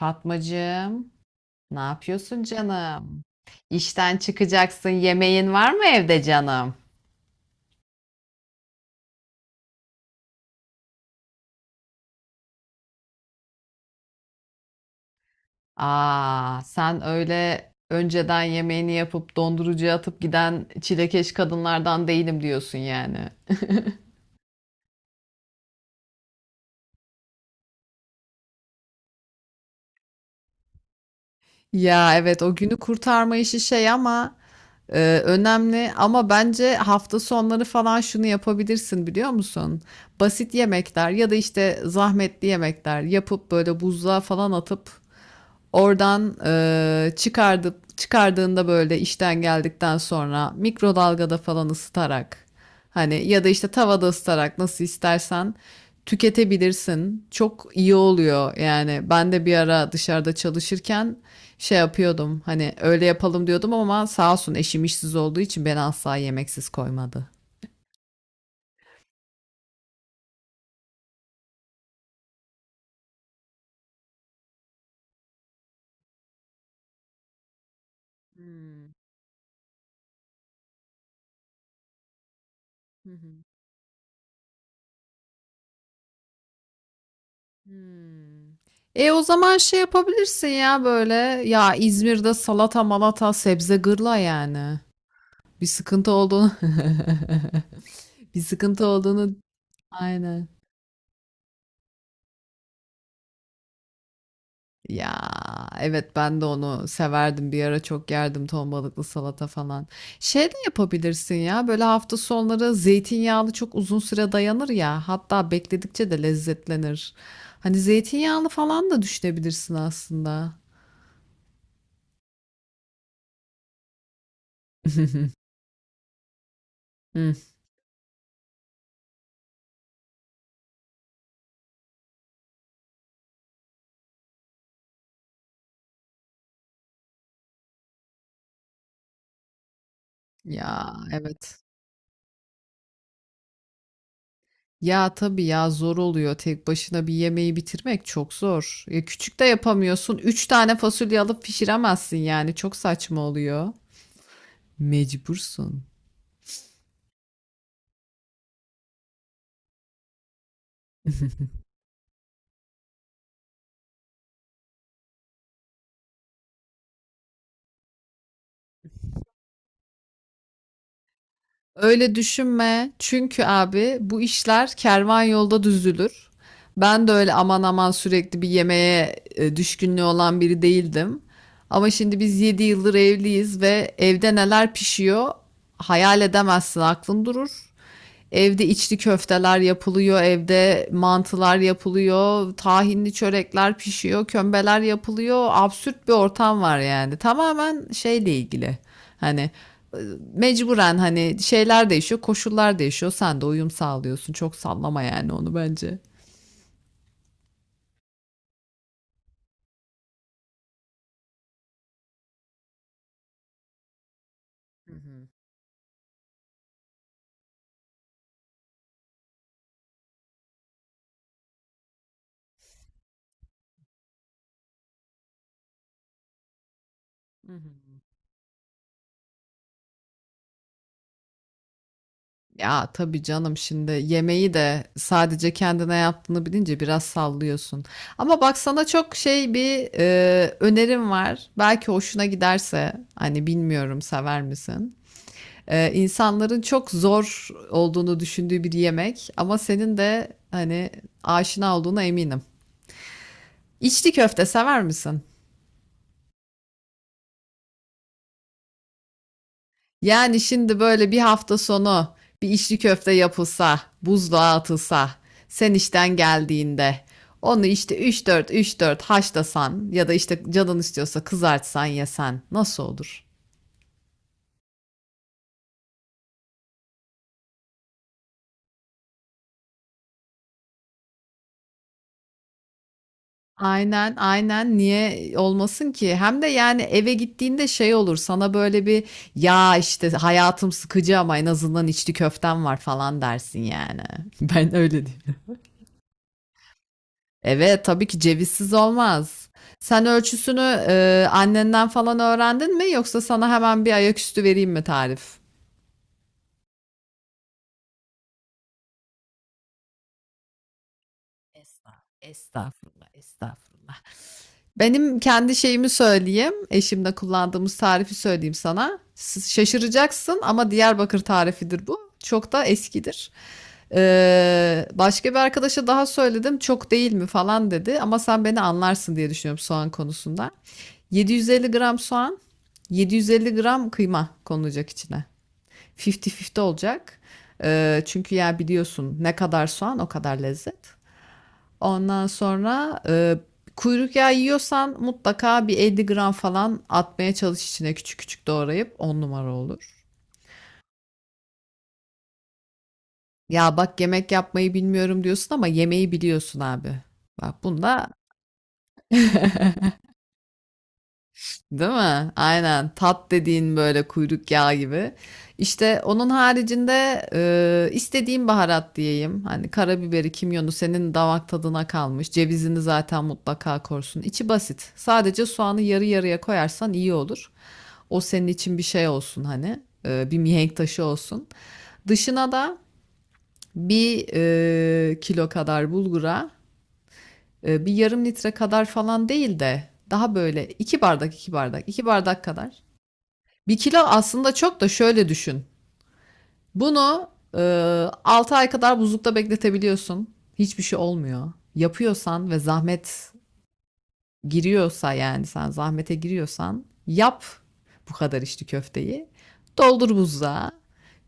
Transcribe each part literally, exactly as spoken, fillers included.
Fatmacığım, ne yapıyorsun canım? İşten çıkacaksın, yemeğin var mı evde canım? Aa, sen öyle önceden yemeğini yapıp dondurucuya atıp giden çilekeş kadınlardan değilim diyorsun yani. Ya evet o günü kurtarma işi şey ama e, önemli ama bence hafta sonları falan şunu yapabilirsin biliyor musun? Basit yemekler ya da işte zahmetli yemekler yapıp böyle buzluğa falan atıp oradan e, çıkardıp çıkardığında böyle işten geldikten sonra mikrodalgada falan ısıtarak. Hani ya da işte tavada ısıtarak nasıl istersen tüketebilirsin. Çok iyi oluyor yani. Ben de bir ara dışarıda çalışırken şey yapıyordum. Hani öyle yapalım diyordum ama sağ olsun eşim işsiz olduğu için beni asla yemeksiz koymadı. Hmm, hı hı, hmm. E o zaman şey yapabilirsin ya böyle ya İzmir'de salata malata sebze gırla yani. Bir sıkıntı olduğunu bir sıkıntı olduğunu aynen. Ya evet ben de onu severdim bir ara çok yerdim ton balıklı salata falan. Şey de yapabilirsin ya böyle hafta sonları zeytinyağlı çok uzun süre dayanır ya hatta bekledikçe de lezzetlenir. Hani zeytinyağlı falan da düşünebilirsin aslında. Hı. Ya evet. Ya tabii ya zor oluyor tek başına bir yemeği bitirmek çok zor. Ya küçük de yapamıyorsun. Üç tane fasulye alıp pişiremezsin yani çok saçma oluyor. Mecbursun. Öyle düşünme. Çünkü abi bu işler kervan yolda düzülür. Ben de öyle aman aman sürekli bir yemeğe e, düşkünlüğü olan biri değildim. Ama şimdi biz yedi yıldır evliyiz ve evde neler pişiyor hayal edemezsin, aklın durur. Evde içli köfteler yapılıyor, evde mantılar yapılıyor, tahinli çörekler pişiyor, kömbeler yapılıyor. Absürt bir ortam var yani. Tamamen şeyle ilgili. Hani e, mecburen hani şeyler değişiyor, koşullar değişiyor. Sen de uyum sağlıyorsun. Çok sallama yani onu bence. Hı hı. Hı hı. Ya tabii canım şimdi yemeği de sadece kendine yaptığını bilince biraz sallıyorsun. Ama bak sana çok şey bir e, önerim var. Belki hoşuna giderse hani bilmiyorum sever misin? E, insanların çok zor olduğunu düşündüğü bir yemek ama senin de hani aşina olduğuna eminim. İçli köfte sever misin? Yani şimdi böyle bir hafta sonu bir içli köfte yapılsa, buzluğa atılsa, sen işten geldiğinde onu işte üç dört üç dört haşlasan ya da işte canın istiyorsa kızartsan yesen nasıl olur? Aynen aynen, niye olmasın ki? Hem de yani eve gittiğinde şey olur sana böyle bir ya işte hayatım sıkıcı ama en azından içli köftem var falan dersin yani. Ben öyle diyeyim. Evet, tabii ki cevizsiz olmaz. Sen ölçüsünü, eee, annenden falan öğrendin mi yoksa sana hemen bir ayaküstü vereyim mi tarif? Estağ- Estağfurullah, estağfurullah. Benim kendi şeyimi söyleyeyim. Eşimle kullandığımız tarifi söyleyeyim sana. S- Şaşıracaksın ama Diyarbakır tarifidir bu. Çok da eskidir. Ee, başka bir arkadaşa daha söyledim. Çok değil mi falan dedi. Ama sen beni anlarsın diye düşünüyorum soğan konusunda. yedi yüz elli gram soğan, yedi yüz elli gram kıyma konulacak içine. elli elli olacak. Ee, çünkü ya biliyorsun ne kadar soğan o kadar lezzet. Ondan sonra e, kuyruk yağı yiyorsan mutlaka bir elli gram falan atmaya çalış içine küçük küçük doğrayıp on numara olur. Ya bak yemek yapmayı bilmiyorum diyorsun ama yemeği biliyorsun abi. Bak bunda değil mi? Aynen tat dediğin böyle kuyruk yağı gibi. İşte onun haricinde e, istediğim baharat diyeyim. Hani karabiberi, kimyonu senin damak tadına kalmış. Cevizini zaten mutlaka korsun. İçi basit. Sadece soğanı yarı yarıya koyarsan iyi olur. O senin için bir şey olsun hani. E, bir mihenk taşı olsun. Dışına da bir e, kilo kadar bulgura e, bir yarım litre kadar falan değil de daha böyle iki bardak iki bardak iki bardak kadar. Bir kilo aslında çok da şöyle düşün. Bunu e, altı ay kadar buzlukta bekletebiliyorsun. Hiçbir şey olmuyor. Yapıyorsan ve zahmet giriyorsa yani sen zahmete giriyorsan yap bu kadar içli köfteyi. Doldur buzluğa.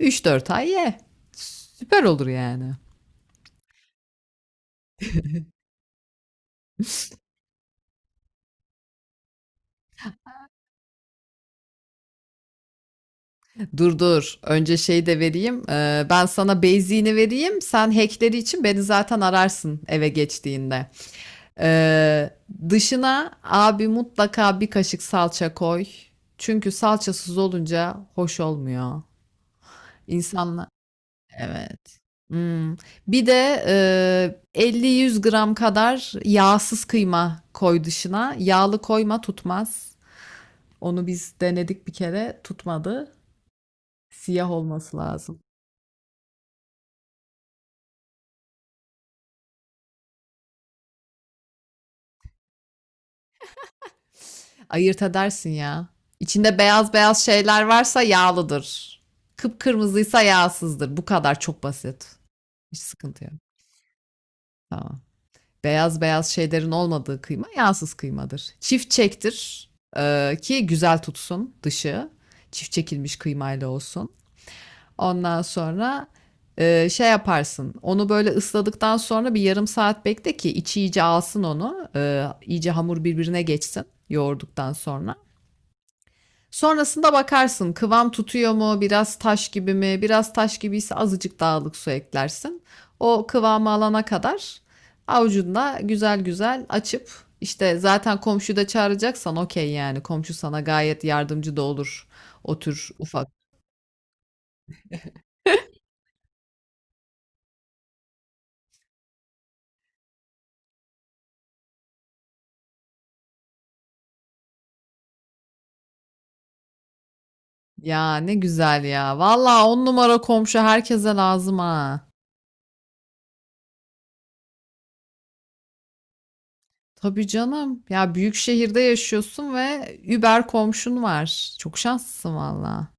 Üç dört ay ye. Süper olur yani. Dur dur. Önce şey de vereyim. Ee, ben sana beyziğini vereyim. Sen hackleri için beni zaten ararsın eve geçtiğinde. Ee, Dışına abi mutlaka bir kaşık salça koy. Çünkü salçasız olunca hoş olmuyor. İnsanlar evet. Imm, Bir de, eee, elli yüz gram kadar yağsız kıyma koy dışına. Yağlı koyma, tutmaz. Onu biz denedik bir kere, tutmadı. Siyah olması lazım. Ayırt edersin ya. İçinde beyaz beyaz şeyler varsa yağlıdır. Kıpkırmızıysa yağsızdır. Bu kadar, çok basit. Hiç sıkıntı yok. Tamam. Beyaz beyaz şeylerin olmadığı kıyma yağsız kıymadır. Çift çektir e, ki güzel tutsun dışı. Çift çekilmiş kıymayla olsun. Ondan sonra e, şey yaparsın. Onu böyle ısladıktan sonra bir yarım saat bekle ki içi iyice alsın onu. E, iyice hamur birbirine geçsin yoğurduktan sonra. Sonrasında bakarsın kıvam tutuyor mu, biraz taş gibi mi? Biraz taş gibiyse azıcık dağlık su eklersin. O kıvamı alana kadar avucunda güzel güzel açıp işte zaten komşuyu da çağıracaksan okey yani komşu sana gayet yardımcı da olur o tür ufak. Ya ne güzel ya. Valla on numara komşu herkese lazım ha. Tabii canım. Ya büyük şehirde yaşıyorsun ve über komşun var. Çok şanslısın valla.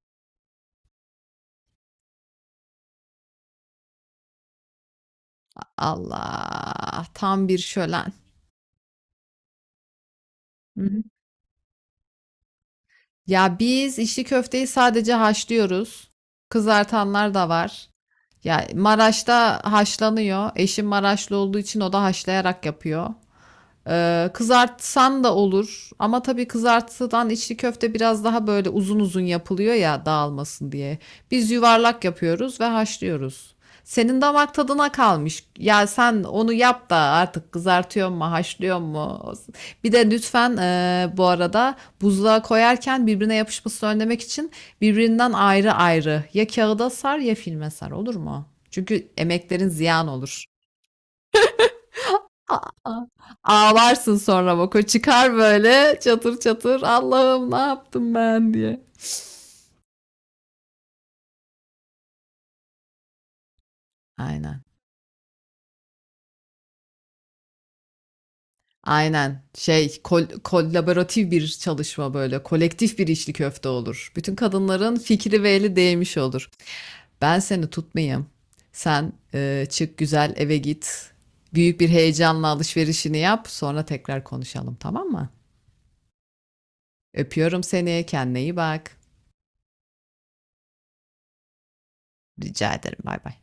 Allah, tam bir şölen. Hı hı. Ya biz içli köfteyi sadece haşlıyoruz. Kızartanlar da var. Ya Maraş'ta haşlanıyor. Eşim Maraşlı olduğu için o da haşlayarak yapıyor. Ee, kızartsan da olur ama tabii kızartıdan içli köfte biraz daha böyle uzun uzun yapılıyor ya dağılmasın diye. Biz yuvarlak yapıyoruz ve haşlıyoruz. Senin damak tadına kalmış. Ya sen onu yap da artık kızartıyor mu, haşlıyor mu? Bir de lütfen e, bu arada buzluğa koyarken birbirine yapışmasını önlemek için birbirinden ayrı ayrı ya kağıda sar ya filme sar olur mu? Çünkü emeklerin ziyan olur. Aa, ağlarsın sonra bak o çıkar böyle çatır çatır Allah'ım ne yaptım ben diye. Aynen. Aynen. Şey kol kolaboratif bir çalışma böyle. Kolektif bir içli köfte olur. Bütün kadınların fikri ve eli değmiş olur. Ben seni tutmayayım. Sen e, çık güzel eve git. Büyük bir heyecanla alışverişini yap. Sonra tekrar konuşalım tamam mı? Öpüyorum seni. Kendine iyi bak. Rica ederim. Bay bay.